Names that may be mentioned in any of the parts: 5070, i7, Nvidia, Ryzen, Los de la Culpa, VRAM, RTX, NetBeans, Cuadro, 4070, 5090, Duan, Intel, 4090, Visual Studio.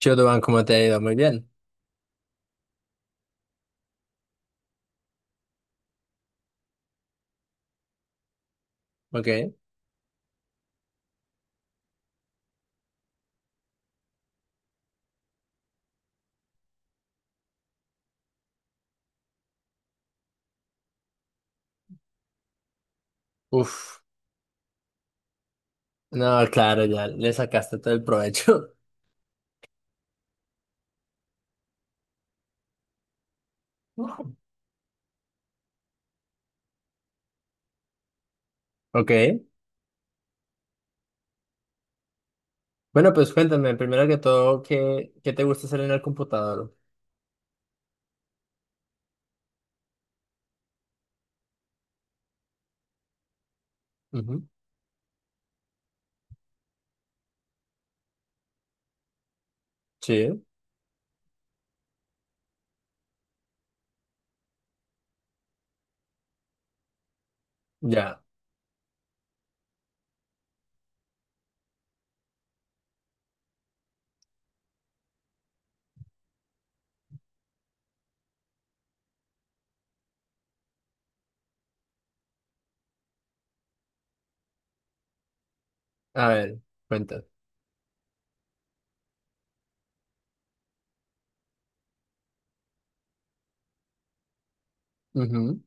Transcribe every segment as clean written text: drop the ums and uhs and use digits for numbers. Shotoban, ¿cómo te ha ido? Muy bien. Ok. Uf. No, claro, ya le sacaste todo el provecho. Ok. Bueno, pues cuéntame, primero que todo, ¿qué te gusta hacer en el computador? Ujú. Sí, ya. A ver, cuéntame. Ujú.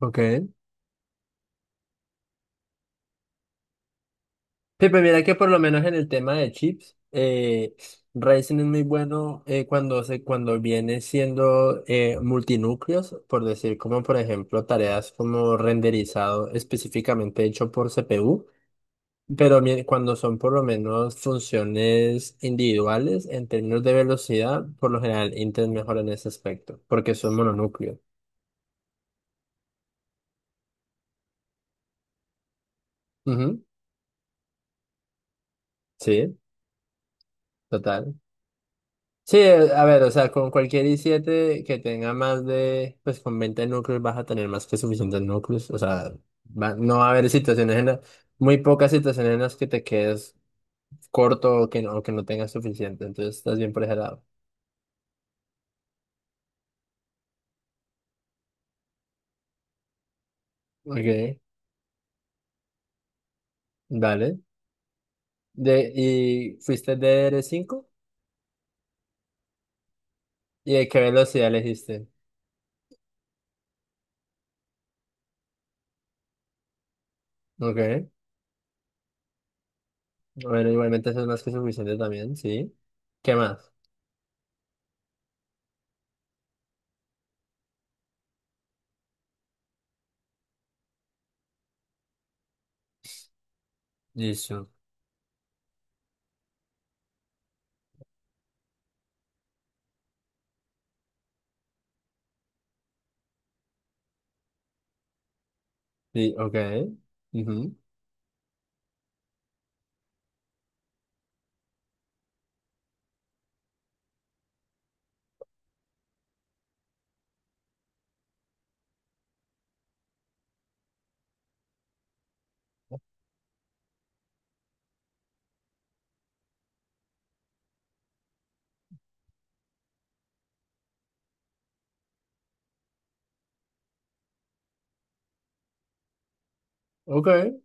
Ok. Sí, pues mira que por lo menos en el tema de chips, Ryzen es muy bueno cuando cuando viene siendo multinúcleos, por decir, como por ejemplo tareas como renderizado específicamente hecho por CPU. Pero cuando son por lo menos funciones individuales, en términos de velocidad, por lo general Intel mejora en ese aspecto, porque son mononúcleo. Ujú, sí, total. Sí, a ver, o sea, con cualquier i7 que tenga más de, pues con 20 núcleos vas a tener más que suficientes núcleos, o sea, no va a haber situaciones en las, muy pocas situaciones en las que te quedes corto o que no tengas suficiente, entonces estás bien por ese lado. Ok, dale. De, ¿y fuiste de r cinco? ¿Y de qué velocidad le hiciste? Ok. Bueno, igualmente eso es más que suficiente también, ¿sí? ¿Qué más? Listo. Sí, ok. Ujú. Ok.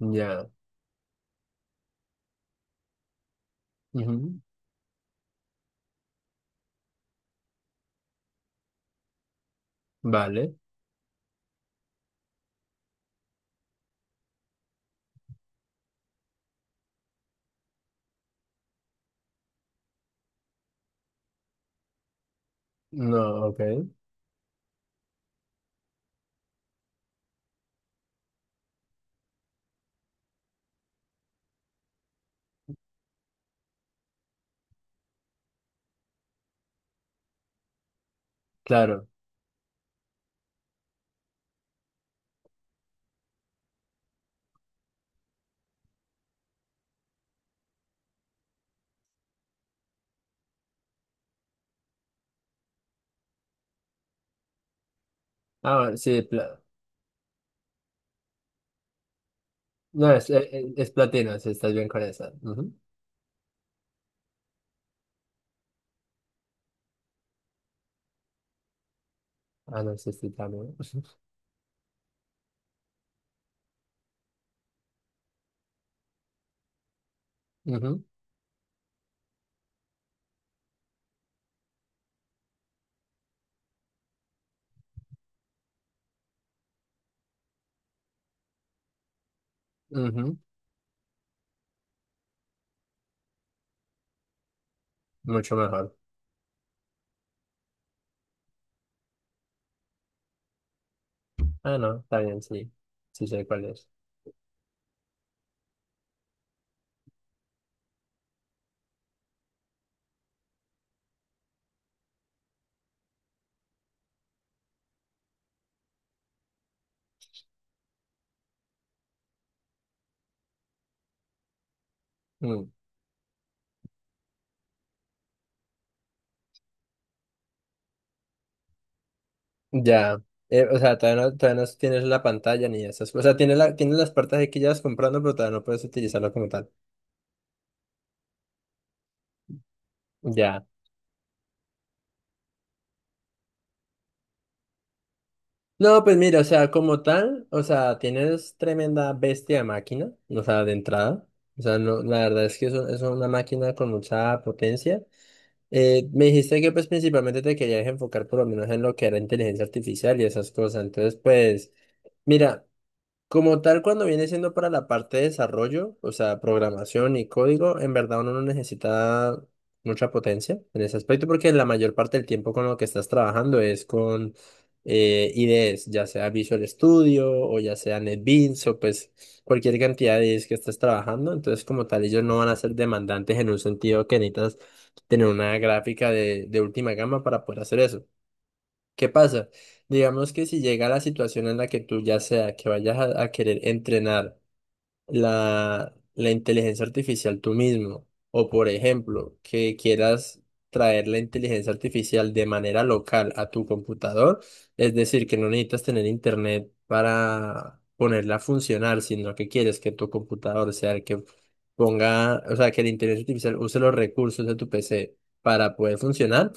Ya. Ujú. Vale. No, ok. Claro. Ah, bueno, sí, no, es platino, si estás bien con esa. Ujú. Ah, no, sí, sí, también. Ujú, ujú. Mucho mejor. Ah, no, está bien, sí. Sí sé cuál es. Mm. Ya, o sea, todavía no tienes la pantalla ni esas. O sea, tienes las partes ahí que llevas comprando, pero todavía no puedes utilizarlo como tal. Ya. No, pues mira, o sea, como tal, o sea, tienes tremenda bestia de máquina, o sea, de entrada. O sea, no, la verdad es que es una máquina con mucha potencia. Me dijiste que pues principalmente te querías enfocar por lo menos en lo que era inteligencia artificial y esas cosas. Entonces, pues, mira. Como tal, cuando viene siendo para la parte de desarrollo, o sea, programación y código, en verdad uno no necesita mucha potencia en ese aspecto porque la mayor parte del tiempo con lo que estás trabajando es con IDEs, ya sea Visual Studio o ya sea NetBeans o pues cualquier cantidad de IDEs que estés trabajando. Entonces, como tal, ellos no van a ser demandantes en un sentido que necesitas tener una gráfica de última gama para poder hacer eso. ¿Qué pasa? Digamos que si llega la situación en la que tú ya sea que vayas a querer entrenar la inteligencia artificial tú mismo. O por ejemplo, que quieras traer la inteligencia artificial de manera local a tu computador. Es decir, que no necesitas tener internet para ponerla a funcionar, sino que quieres que tu computador sea el que ponga, o sea, que la inteligencia artificial use los recursos de tu PC para poder funcionar.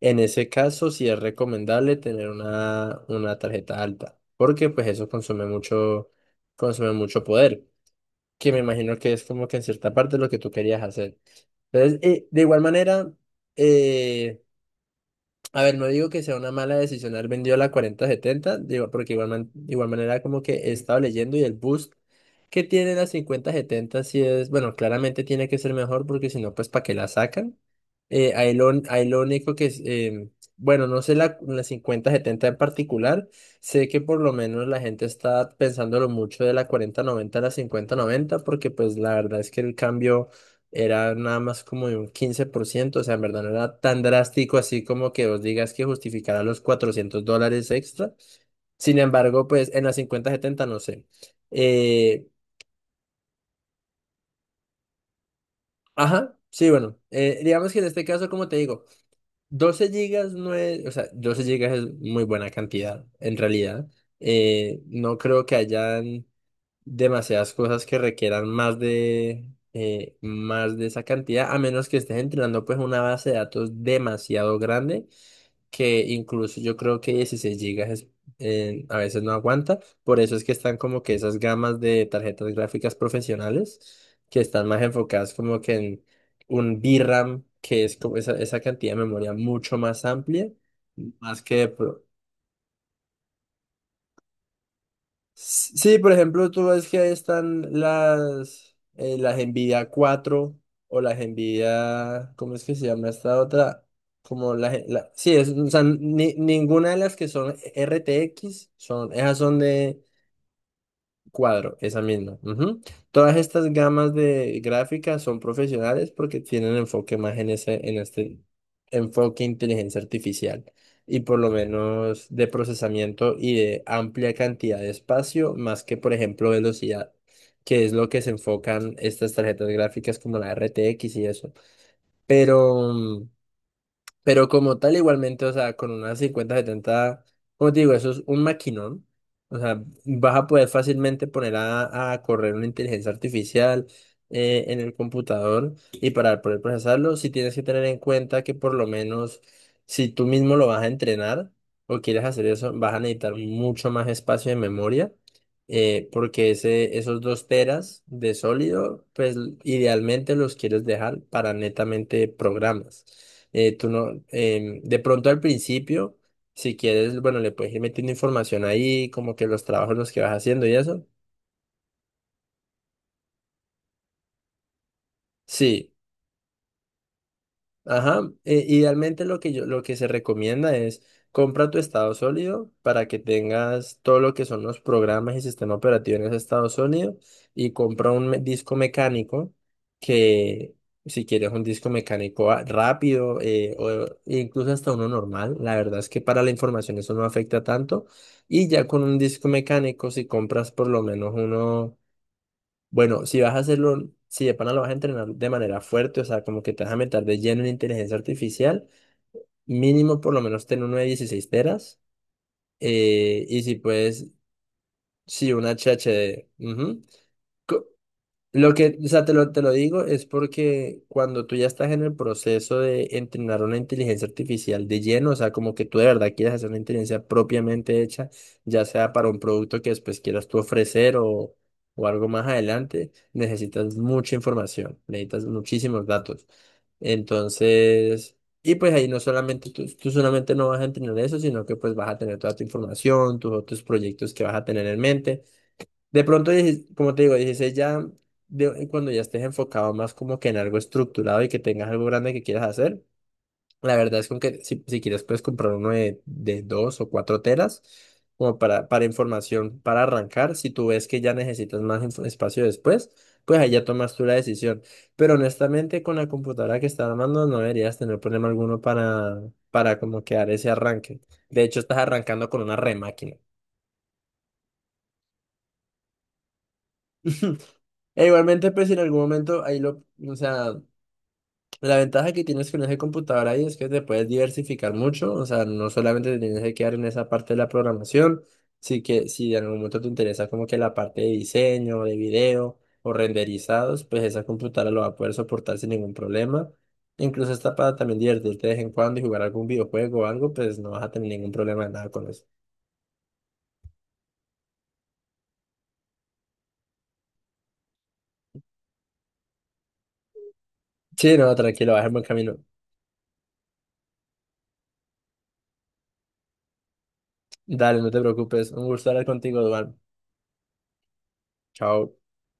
En ese caso, sí es recomendable tener una tarjeta alta, porque pues eso consume mucho poder que me imagino que es como que en cierta parte lo que tú querías hacer. Entonces, de igual manera, eh, a ver, no digo que sea una mala decisión haber vendido la 4070, digo, porque igual, igual manera como que he estado leyendo y el boost que tiene la 5070 sí es, bueno, claramente tiene que ser mejor porque si no, pues ¿para qué la sacan? Ahí lo único que es, bueno, no sé la 5070 en particular, sé que por lo menos la gente está pensándolo mucho de la 4090 a la 5090 porque pues la verdad es que el cambio era nada más como de un 15%, o sea, en verdad no era tan drástico así como que vos digas que justificará los $400 extra. Sin embargo, pues en la 5070 no sé. Eh, ajá, sí, bueno, digamos que en este caso, como te digo, 12 gigas no es, o sea, 12 gigas es muy buena cantidad, en realidad. No creo que haya demasiadas cosas que requieran más de esa cantidad, a menos que estés entrenando pues una base de datos demasiado grande, que incluso yo creo que 16 gigas a veces no aguanta, por eso es que están como que esas gamas de tarjetas gráficas profesionales que están más enfocadas como que en un VRAM, que es como esa cantidad de memoria mucho más amplia, más que... Sí, por ejemplo, tú ves que ahí están las Nvidia 4 o las Nvidia, ¿cómo es que se llama esta otra? Como sí, o sea, ninguna de las que son RTX son, esas son de, Cuadro, esa misma. Ujú. Todas estas gamas de gráficas son profesionales porque tienen enfoque más en en este enfoque inteligencia artificial y por lo menos de procesamiento y de amplia cantidad de espacio, más que por ejemplo velocidad, que es lo que se enfocan estas tarjetas gráficas como la RTX y eso. Pero mm, pero como tal, igualmente, o sea, con unas 50 70 como te digo, eso es un maquinón. O sea, vas a poder fácilmente poner a correr una inteligencia artificial en el computador y para poder procesarlo, si tienes que tener en cuenta que por lo menos si tú mismo lo vas a entrenar o quieres hacer eso, vas a necesitar mucho más espacio de memoria. Porque esos 2 teras de sólido, pues idealmente los quieres dejar para netamente programas. Tú no, de pronto al principio, si quieres, bueno, le puedes ir metiendo información ahí, como que los trabajos los que vas haciendo y eso. Sí. Ajá, idealmente lo que se recomienda es compra tu estado sólido para que tengas todo lo que son los programas y sistema operativo en ese estado sólido y compra un disco mecánico que si quieres un disco mecánico rápido o incluso hasta uno normal, la verdad es que para la información eso no afecta tanto y ya con un disco mecánico si compras por lo menos uno bueno, si vas a hacerlo, si de pana lo vas a entrenar de manera fuerte, o sea, como que te vas a meter de lleno en inteligencia artificial, mínimo por lo menos ten uno de 16 teras. Y si puedes, si una HH, lo que, o sea, te lo digo es porque cuando tú ya estás en el proceso de entrenar una inteligencia artificial de lleno, o sea, como que tú de verdad quieres hacer una inteligencia propiamente hecha, ya sea para un producto que después quieras tú ofrecer o algo más adelante, necesitas mucha información, necesitas muchísimos datos. Entonces, y pues ahí no solamente tú solamente no vas a entrenar eso, sino que pues vas a tener toda tu información, tus otros proyectos que vas a tener en mente. De pronto, como te digo, 16 ya, cuando ya estés enfocado más como que en algo estructurado y que tengas algo grande que quieras hacer, la verdad es como que si quieres puedes comprar uno de 2 o 4 telas como para información, para arrancar. Si tú ves que ya necesitas más espacio después, pues ahí ya tomas tú la decisión. Pero honestamente, con la computadora que estás armando no deberías tener problema alguno para, como que dar ese arranque. De hecho, estás arrancando con una remáquina. E igualmente, pues si en algún momento o sea, la ventaja que tienes con ese computador ahí es que te puedes diversificar mucho, o sea, no solamente te tienes que quedar en esa parte de la programación, sí que si en algún momento te interesa como que la parte de diseño, de video o renderizados, pues esa computadora lo va a poder soportar sin ningún problema. Incluso hasta para también divertirte de vez en cuando y jugar algún videojuego o algo, pues no vas a tener ningún problema de nada con eso. Sí, no, tranquilo, vas en buen camino. Dale, no te preocupes. Un gusto hablar contigo, Duan. Chao.